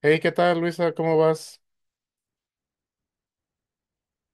Hey, ¿qué tal, Luisa? ¿Cómo vas?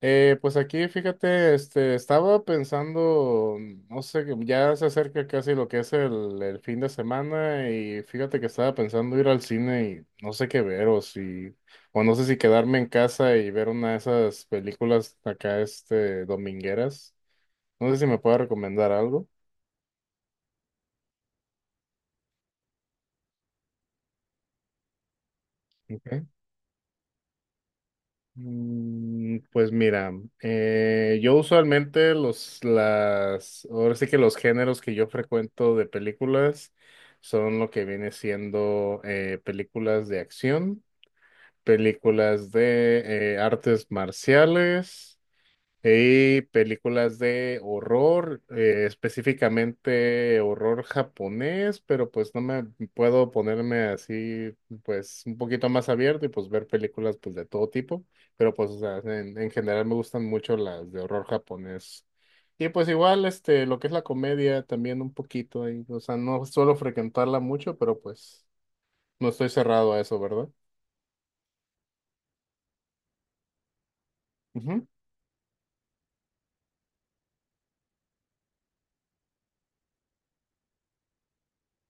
Pues aquí, fíjate, este, estaba pensando, no sé, que ya se acerca casi lo que es el fin de semana y fíjate que estaba pensando ir al cine y no sé qué ver o no sé si quedarme en casa y ver una de esas películas acá, este, domingueras. No sé si me puede recomendar algo. Pues mira, yo usualmente ahora sí que los géneros que yo frecuento de películas son lo que viene siendo películas de acción, películas de artes marciales y películas de horror, específicamente horror japonés, pero pues no me puedo ponerme así, pues un poquito más abierto y pues ver películas pues de todo tipo, pero pues o sea, en general me gustan mucho las de horror japonés. Y pues igual, este, lo que es la comedia también un poquito ahí, o sea, no suelo frecuentarla mucho, pero pues no estoy cerrado a eso, ¿verdad?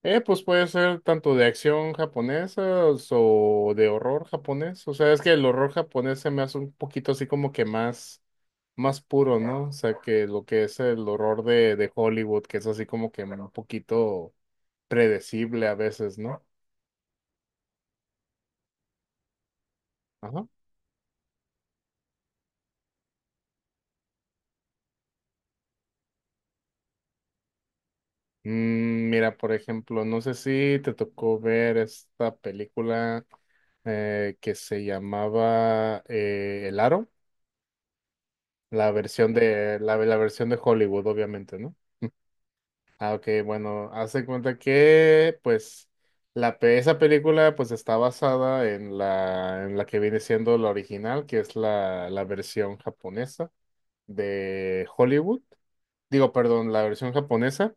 Pues puede ser tanto de acción japonesa o de horror japonés. O sea, es que el horror japonés se me hace un poquito así como que más puro, ¿no? O sea, que lo que es el horror de Hollywood, que es así como que un poquito predecible a veces, ¿no? Ajá. Mira, por ejemplo, no sé si te tocó ver esta película que se llamaba El Aro, la versión de Hollywood, obviamente, ¿no? Ah, ok, bueno, hace cuenta que, pues, esa película, pues, está basada en la que viene siendo la original, que es la versión japonesa de Hollywood. Digo, perdón, la versión japonesa.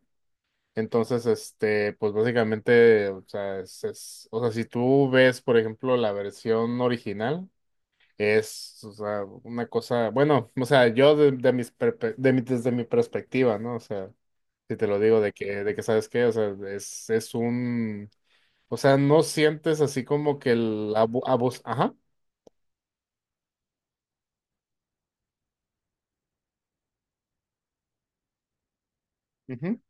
Entonces, este, pues, básicamente, o sea, o sea, si tú ves, por ejemplo, la versión original, es, o sea, una cosa, bueno, o sea, yo de mis, perpe- de mi- desde mi perspectiva, ¿no? O sea. Si te lo digo de que sabes qué, o sea, es un, o sea, no sientes así como que. Ajá. Ujú.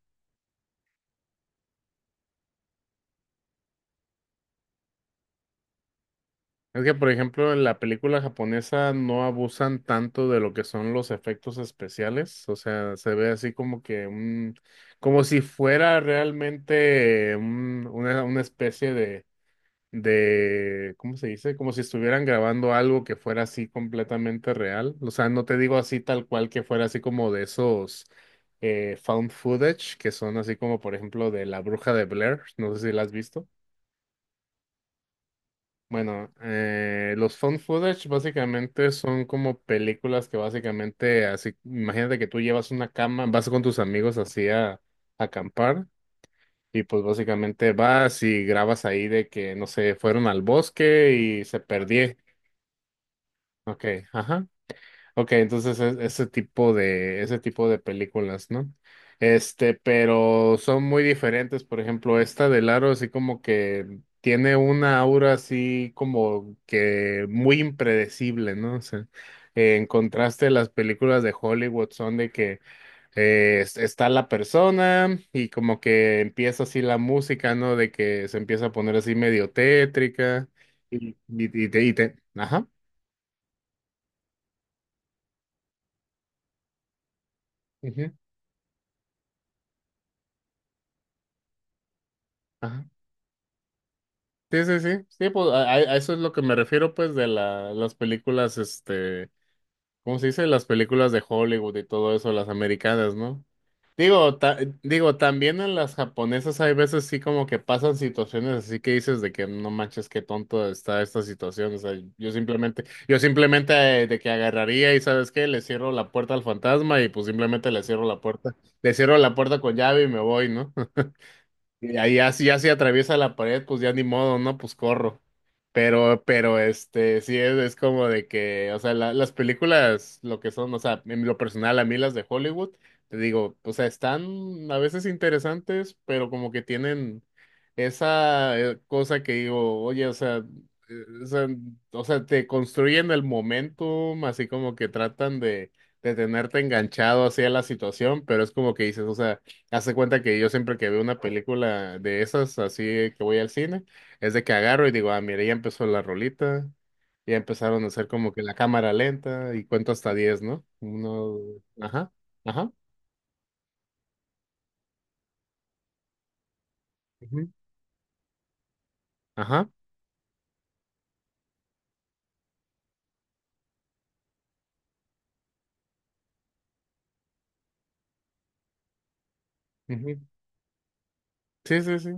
Es que, por ejemplo, en la película japonesa no abusan tanto de lo que son los efectos especiales, o sea, se ve así como que un, como si fuera realmente una especie de, ¿cómo se dice? Como si estuvieran grabando algo que fuera así completamente real. O sea, no te digo así tal cual que fuera así como de esos found footage, que son así como por ejemplo de La Bruja de Blair, no sé si la has visto. Bueno, los found footage básicamente son como películas que básicamente así, imagínate que tú llevas una cama, vas con tus amigos así a acampar. Y pues básicamente vas y grabas ahí de que, no sé, fueron al bosque y se perdieron. Okay, ajá. Okay, entonces ese tipo de películas, ¿no? Este, pero son muy diferentes. Por ejemplo, esta del Aro, así como que tiene una aura así como que muy impredecible, ¿no? O sea, en contraste, las películas de Hollywood son de que está la persona y como que empieza así la música, ¿no? De que se empieza a poner así medio tétrica. Ajá. Ujú, ajá. Sí, sí, sí, sí, pues a eso es lo que me refiero, pues, de las películas, este, ¿cómo se dice? Las películas de Hollywood y todo eso, las americanas, ¿no? Digo, también en las japonesas hay veces sí como que pasan situaciones así que dices de que no manches, qué tonto está esta situación, o sea, yo simplemente de que agarraría y ¿sabes qué? Le cierro la puerta al fantasma y pues simplemente le cierro la puerta, le cierro la puerta con llave y me voy, ¿no? Y ahí así, ya si atraviesa la pared, pues ya ni modo, ¿no? Pues corro. Pero, este, sí es como de que, o sea, las películas, lo que son, o sea, en lo personal, a mí las de Hollywood, te digo, o sea, están a veces interesantes, pero como que tienen esa cosa que digo, oye, o sea, o sea, o sea, te construyen el momentum, así como que tratan de tenerte enganchado hacia la situación, pero es como que dices, o sea, hace cuenta que yo siempre que veo una película de esas, así que voy al cine, es de que agarro y digo, ah, mira, ya empezó la rolita, ya empezaron a hacer como que la cámara lenta y cuento hasta diez, ¿no? Uno, ajá, ajá, ujú, ajá, ujú. Sí, sí, sí.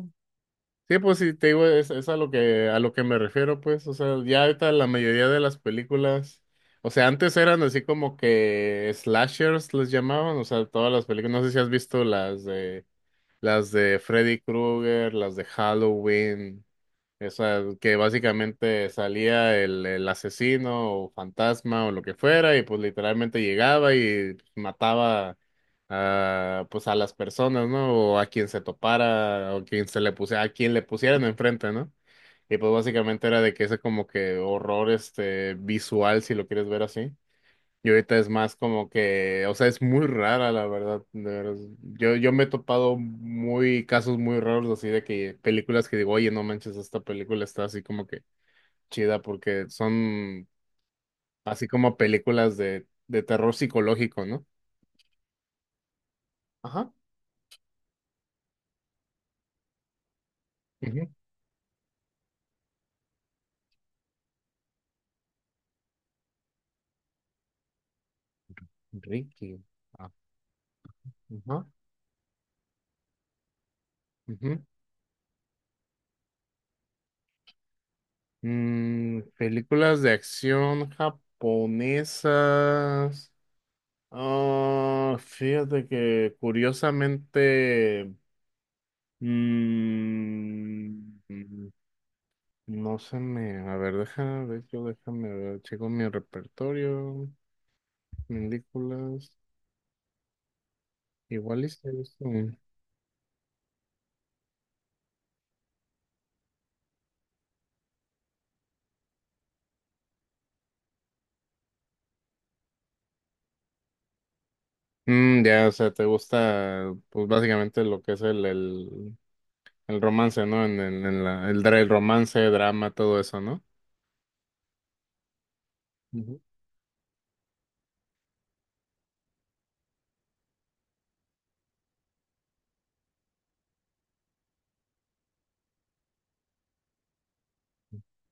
Sí, pues sí, te digo, es a lo que, me refiero, pues, o sea, ya ahorita la mayoría de las películas, o sea, antes eran así como que slashers les llamaban, o sea, todas las películas, no sé si has visto las de... Las de Freddy Krueger, las de Halloween, esa que básicamente salía el asesino o fantasma o lo que fuera y pues literalmente llegaba y mataba a, pues a las personas, ¿no? O a quien se topara o quien se le puse, a quien le pusieran enfrente, ¿no? Y pues básicamente era de que ese como que horror este visual, si lo quieres ver así. Y ahorita es más como que, o sea, es muy rara, la verdad. De veras. Yo, me he topado muy casos muy raros así de que películas que digo, oye, no manches, esta película está así como que chida porque son así como películas de terror psicológico, ¿no? Ajá. Ujú, Ricky. Ah, ajá. Ujú. Películas de acción japonesas. Ah, fíjate que curiosamente. Mm, mm, no se me. A ver, déjame ver, yo déjame ver. Checo mi repertorio, películas. Igual y sí he visto. Ya, o sea, te gusta, pues básicamente lo que es el romance, ¿no? En el romance, drama, todo eso, ¿no? Ujú.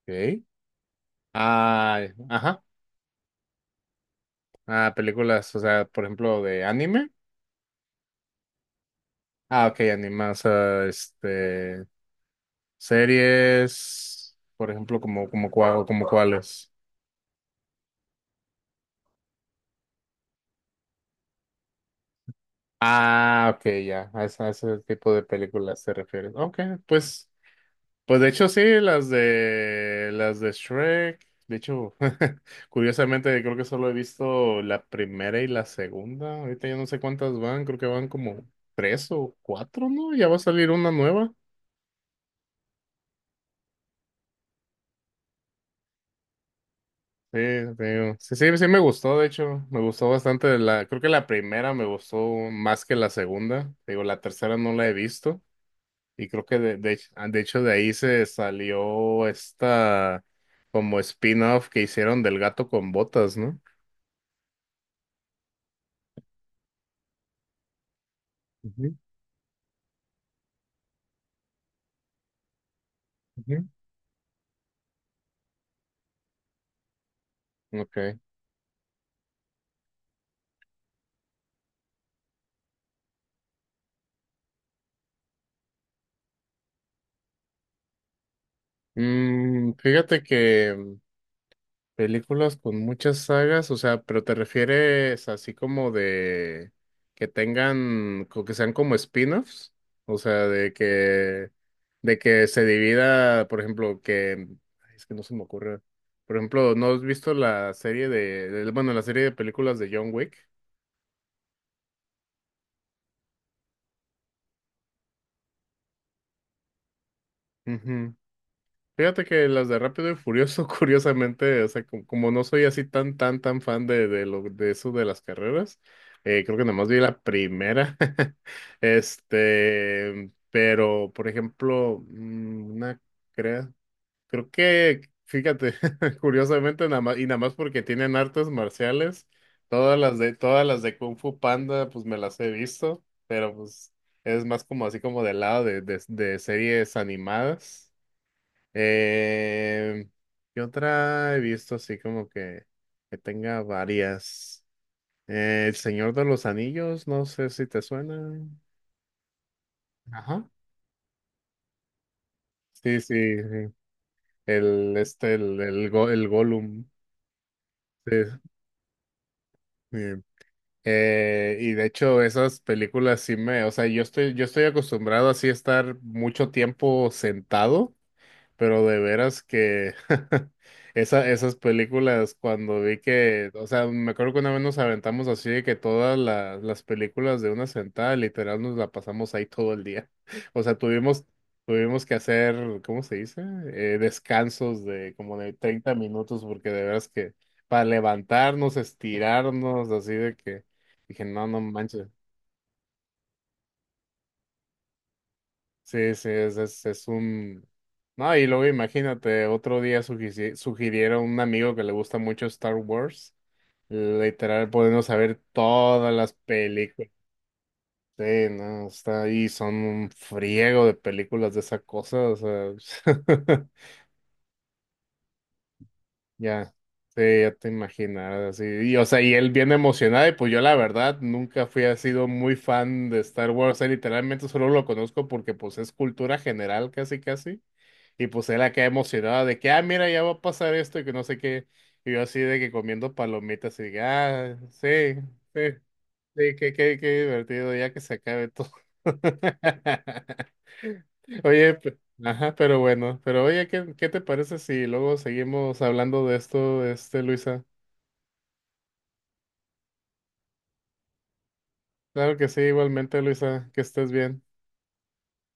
Ok. Ah, ajá. Ah, películas, o sea, por ejemplo, de anime. Ah, ok, anime, o sea, este. Series, por ejemplo, como cuáles. Ah, ok, ya, a ese tipo de películas te refieres. Ok, pues, pues de hecho sí, las de Shrek, de hecho, curiosamente creo que solo he visto la primera y la segunda, ahorita ya no sé cuántas van, creo que van como tres o cuatro, ¿no? Ya va a salir una nueva. Sí, te digo. Sí, sí, sí me gustó, de hecho, me gustó bastante creo que la primera me gustó más que la segunda, te digo, la tercera no la he visto y creo que de hecho de ahí se salió esta como spin-off que hicieron del gato con botas, ¿no? Ujú, ujú. Ok. Fíjate que películas con muchas sagas, o sea, pero te refieres así como de que tengan, que sean como spin-offs, o sea, de que se divida, por ejemplo, que, ay, es que no se me ocurre, por ejemplo, ¿no has visto la serie de, bueno, la serie de películas de John Wick? Ujú. Fíjate que las de Rápido y Furioso, curiosamente, o sea, como no soy así tan, tan, tan fan de, de eso de las carreras, creo que nada más vi la primera. Este, pero, por ejemplo, una, creo, creo que, fíjate, curiosamente, nada más, y nada más porque tienen artes marciales, todas las de Kung Fu Panda, pues me las he visto, pero pues es más como así como del lado de series animadas. Eh, ¿Qué otra he visto así como que tenga varias? El Señor de los Anillos, no sé si te suena. Ajá. Sí, sí, sí. El, este, el, Go- el Gollum. Sí, sí. Y de hecho, esas películas sí me, o sea, yo estoy acostumbrado así a estar mucho tiempo sentado. Pero de veras que esas películas, cuando vi que, o sea, me acuerdo que una vez nos aventamos así de que todas las películas de una sentada, literal, nos la pasamos ahí todo el día. O sea, tuvimos que hacer, ¿cómo se dice? Descansos de como de 30 minutos, porque de veras que para levantarnos, estirarnos, así de que dije, no, no manches. Sí, sí, es un... No, y luego imagínate, otro día sugirieron a un amigo que le gusta mucho Star Wars, literal, poniéndose saber todas las películas. Sí, no, está ahí, son un friego de películas de esa cosa, o sea, ya, sí, ya te imaginas, así, y, o sea, y él bien emocionado, y pues yo la verdad nunca fui, ha sido muy fan de Star Wars, o sea, literalmente solo lo conozco porque pues es cultura general casi casi. Y pues él acá emocionado de que, ah, mira, ya va a pasar esto y que no sé qué. Y yo así de que comiendo palomitas y de que, ah, sí, sí, sí, qué divertido, ya que se acabe todo. Oye, ajá, pero bueno, pero oye, ¿qué te parece si luego seguimos hablando de esto, este, Luisa? Claro que sí, igualmente, Luisa, que estés bien.